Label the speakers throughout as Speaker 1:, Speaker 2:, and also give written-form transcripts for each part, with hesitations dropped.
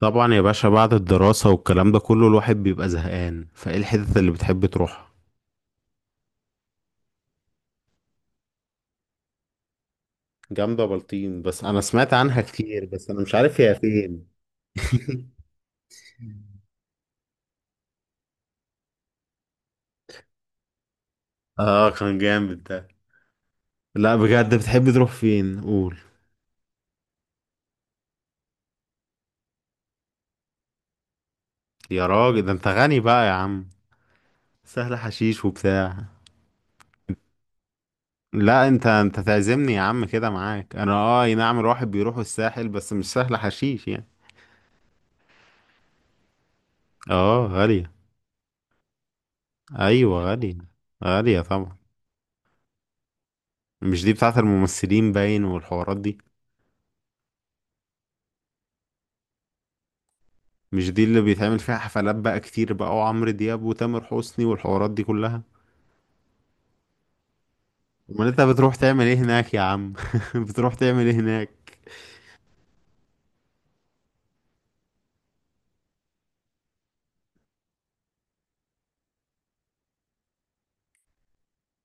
Speaker 1: طبعا يا باشا، بعد الدراسة والكلام ده كله الواحد بيبقى زهقان، فايه الحتت اللي بتحب تروحها؟ جامدة بلطيم، بس انا سمعت عنها كتير، بس انا مش عارف هي فين. اه كان جامد ده. لا بجد، بتحب تروح فين قول؟ يا راجل ده انت غني بقى يا عم، سهل حشيش وبتاع. لا انت تعزمني يا عم كده معاك، انا أي نعم، الواحد بيروح الساحل بس مش سهل حشيش يعني. اه غالية. ايوه غالية. غالية طبعا. مش دي بتاعت الممثلين باين والحوارات دي؟ مش دي اللي بيتعمل فيها حفلات بقى كتير بقى، وعمرو دياب وتامر حسني والحوارات دي كلها؟ امال انت بتروح تعمل ايه هناك يا عم؟ بتروح تعمل ايه هناك؟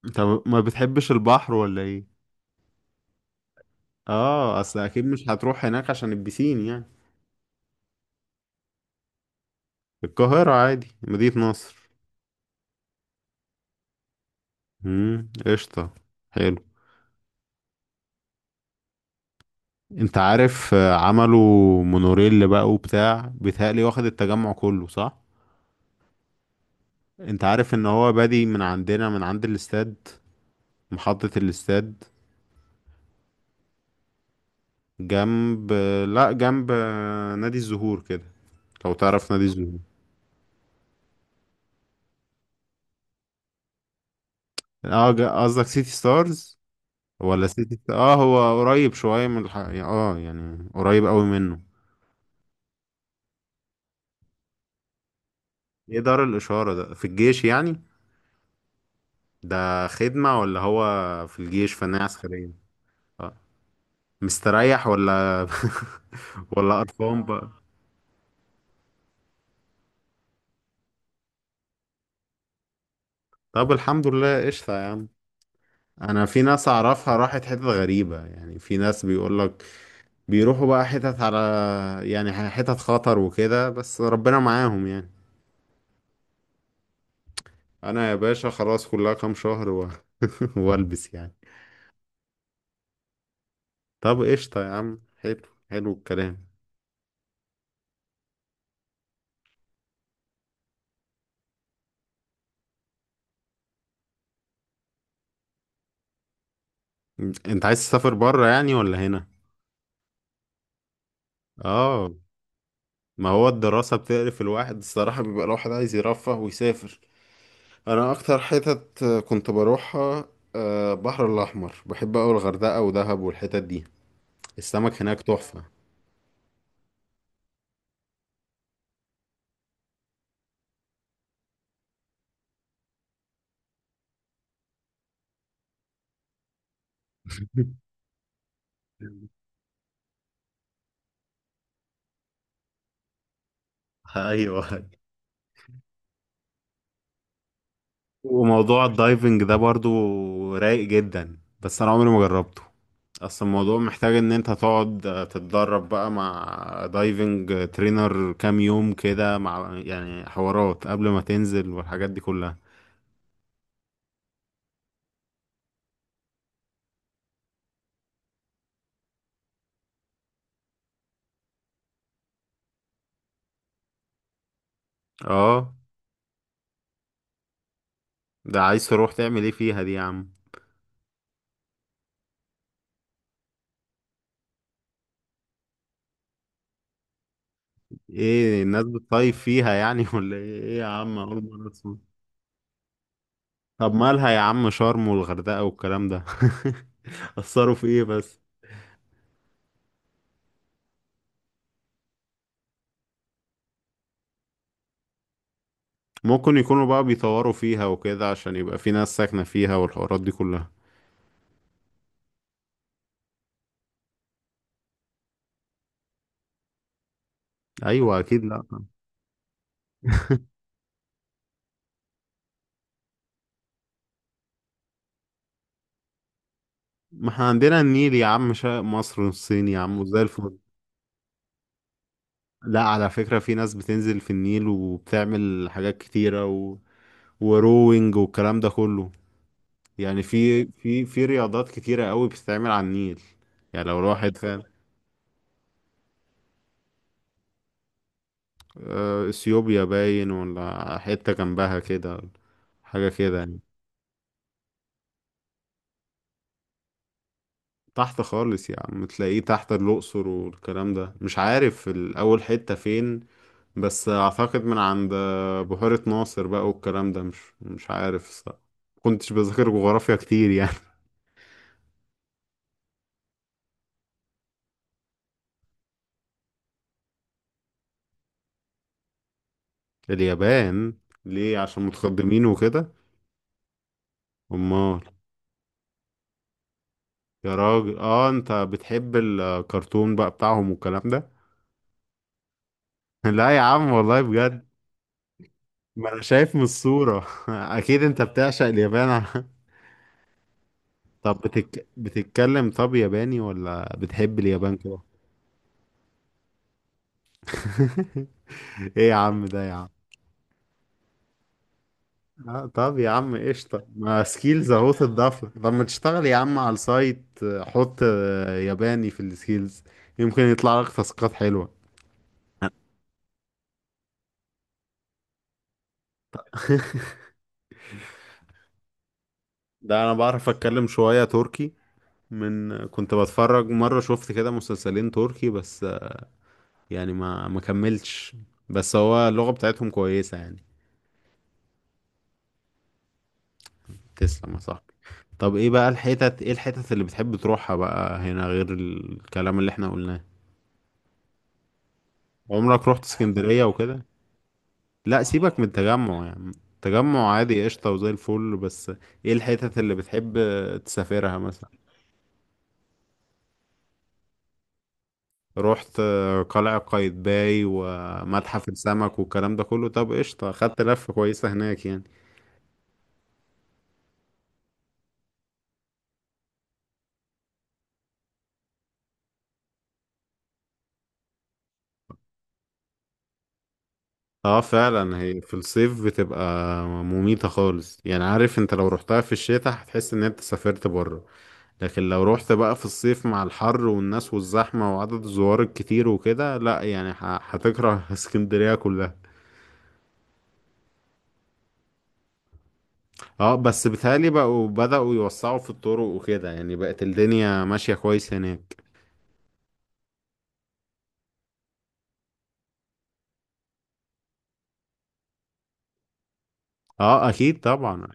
Speaker 1: انت ما بتحبش البحر ولا ايه؟ اه، اصل اكيد مش هتروح هناك عشان البسين يعني. القاهرة عادي، مدينة نصر. امم، قشطة. حلو. انت عارف، عملوا مونوريل بقى وبتاع، بيتهيألي واخد التجمع كله، صح؟ انت عارف ان هو بادي من عندنا، من عند الاستاد. محطة الاستاد. جنب. لا، نادي الزهور كده. لو تعرف نادي الزهور. اه، قصدك سيتي ستارز؟ ولا سيتي، هو قريب شوية من الح... يعني، اه يعني قريب قوي منه. ايه دار الإشارة ده، في الجيش يعني؟ ده خدمة ولا هو في الجيش فنية عسكرية؟ اه، مستريح ولا ولا قرفان بقى؟ طب الحمد لله، قشطة يا عم. انا في ناس اعرفها راحت حتت غريبة، يعني في ناس بيقولك بيروحوا بقى حتت على، يعني حتت خطر وكده، بس ربنا معاهم يعني. انا يا باشا خلاص، كلها كام شهر و والبس يعني. طب قشطة يا عم، حلو. حلو الكلام. انت عايز تسافر بره يعني ولا هنا؟ اه. ما هو الدراسة بتقرف الواحد الصراحة، بيبقى الواحد عايز يرفه ويسافر. انا اكتر حتت كنت بروحها، البحر الاحمر، بحب اوي الغردقة ودهب والحتت دي. السمك هناك تحفة. ايوه. وموضوع الدايفنج ده برضو رايق جدا، بس انا عمري ما جربته. اصل الموضوع محتاج ان انت تقعد تتدرب بقى مع دايفنج ترينر كام يوم كده، مع يعني حوارات قبل ما تنزل والحاجات دي كلها. اه، ده عايز تروح تعمل ايه فيها دي يا عم؟ ايه، الناس بتطايف فيها يعني؟ ولا ايه؟ إيه يا عم، اول مرة اسمع. طب مالها يا عم، شرم والغردقة والكلام ده اثروا في ايه بس؟ ممكن يكونوا بقى بيطوروا فيها وكده عشان يبقى في ناس ساكنة فيها، والحوارات دي كلها. ايوه اكيد. لا، ما احنا عندنا النيل يا عم، شرق مصر والصين يا عم، وزي الفل. لا على فكرة، في ناس بتنزل في النيل وبتعمل حاجات كتيرة وروينج والكلام ده كله. يعني في رياضات كتيرة قوي بتتعمل على النيل، يعني لو الواحد فاهم. اثيوبيا باين ولا حتة جنبها كده، حاجة كده يعني. تحت خالص يا عم، تلاقيه تحت الأقصر والكلام ده، مش عارف الأول حتة فين، بس أعتقد من عند بحيرة ناصر بقى والكلام ده، مش عارف الصراحة. كنتش بذاكر جغرافيا كتير يعني. اليابان؟ ليه، عشان متقدمين وكده؟ أمال. يا راجل، انت بتحب الكرتون بقى بتاعهم والكلام ده. لا يا عم والله بجد. ما انا شايف من الصورة اكيد انت بتعشق اليابان. طب بتتكلم طب ياباني، ولا بتحب اليابان كده؟ ايه يا عم ده يا عم. آه، طب يا عم قشطة، ما سكيلز اهو تضاف لك، طب ما تشتغل يا عم على السايت، حط ياباني في السكيلز. يمكن يطلع لك تاسكات حلوة. ده انا بعرف اتكلم شوية تركي، من كنت بتفرج مرة، شفت كده مسلسلين تركي، بس يعني ما كملتش، بس هو اللغة بتاعتهم كويسة يعني. تسلم يا صاحبي. طب ايه بقى الحتت، ايه الحتت اللي بتحب تروحها بقى هنا، غير الكلام اللي احنا قلناه؟ عمرك رحت اسكندرية وكده؟ لا، سيبك من التجمع يعني. تجمع عادي، قشطة وزي الفل، بس ايه الحتت اللي بتحب تسافرها مثلا؟ رحت قلعة قايتباي ومتحف السمك والكلام ده كله؟ طب قشطة، خدت لفة كويسة هناك يعني. اه فعلا، هي في الصيف بتبقى مميتة خالص يعني، عارف انت، لو رحتها في الشتاء هتحس ان انت سافرت بره. لكن لو روحت بقى في الصيف مع الحر والناس والزحمة وعدد الزوار الكتير وكده، لا يعني هتكره اسكندرية كلها. اه، بس بيتهيألي بقوا بدأوا يوسعوا في الطرق وكده، يعني بقت الدنيا ماشية كويس هناك. اه اكيد طبعا.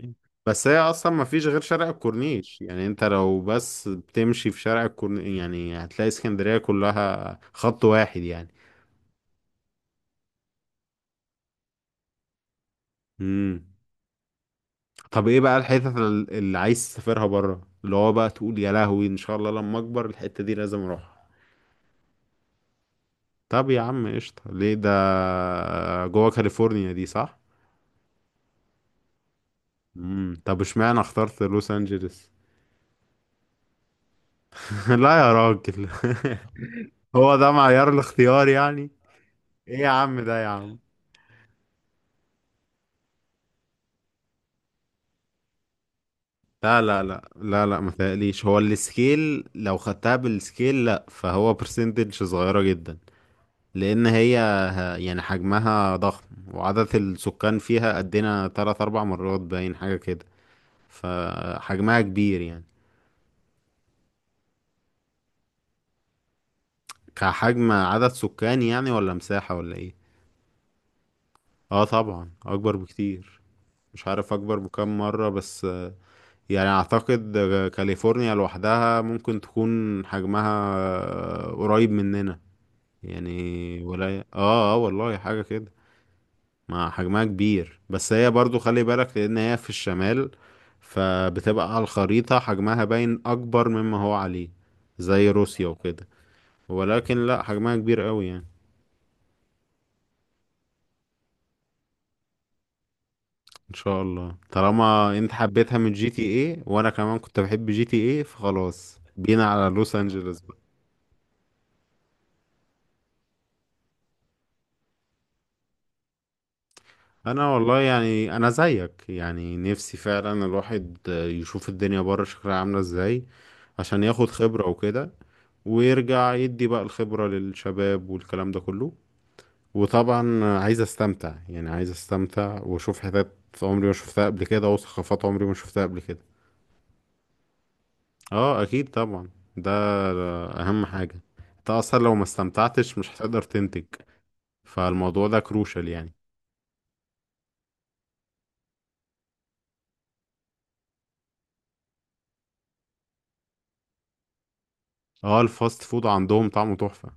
Speaker 1: بس هي اصلا ما فيش غير شارع الكورنيش، يعني انت لو بس بتمشي في شارع الكورنيش، يعني هتلاقي اسكندرية كلها خط واحد يعني. امم. طب ايه بقى الحتت اللي عايز تسافرها بره، اللي هو بقى تقول يا لهوي ان شاء الله لما اكبر الحتة دي لازم اروحها؟ طب يا عم قشطة، ليه ده؟ جوه كاليفورنيا دي صح؟ امم، طب اشمعنى اخترت لوس انجلس؟ لا يا راجل. هو ده معيار الاختيار يعني؟ ايه يا عم ده يا عم. لا لا لا لا لا، ما تقليش، هو السكيل، لو خدتها بالسكيل لا، فهو برسنتج صغيرة جدا، لان هي يعني حجمها ضخم، وعدد السكان فيها قدنا 3 4 مرات باين، حاجة كده، فحجمها كبير يعني. كحجم عدد سكان يعني، ولا مساحة، ولا ايه؟ اه طبعا، أكبر بكتير. مش عارف أكبر بكام مرة بس. يعني أعتقد كاليفورنيا لوحدها ممكن تكون حجمها قريب مننا يعني، ولا اه والله، حاجة كده. ما حجمها كبير، بس هي برضو خلي بالك، لان هي في الشمال، فبتبقى على الخريطة حجمها باين اكبر مما هو عليه، زي روسيا وكده. ولكن لا، حجمها كبير قوي يعني. ان شاء الله، طالما انت حبيتها من GTA، وانا كمان كنت بحب GTA، فخلاص بينا على لوس انجلوس بقى. انا والله يعني انا زيك يعني، نفسي فعلا الواحد يشوف الدنيا بره شكلها عاملة ازاي، عشان ياخد خبرة وكده، ويرجع يدي بقى الخبرة للشباب والكلام ده كله. وطبعا عايز استمتع، يعني عايز استمتع واشوف حتت عمري ما شفتها قبل كده، وثقافات عمري ما شفتها قبل كده. اه اكيد طبعا، ده اهم حاجة. انت اصلا لو ما استمتعتش مش هتقدر تنتج، فالموضوع ده كروشال يعني. اه، الفاست فود عندهم طعمه تحفة.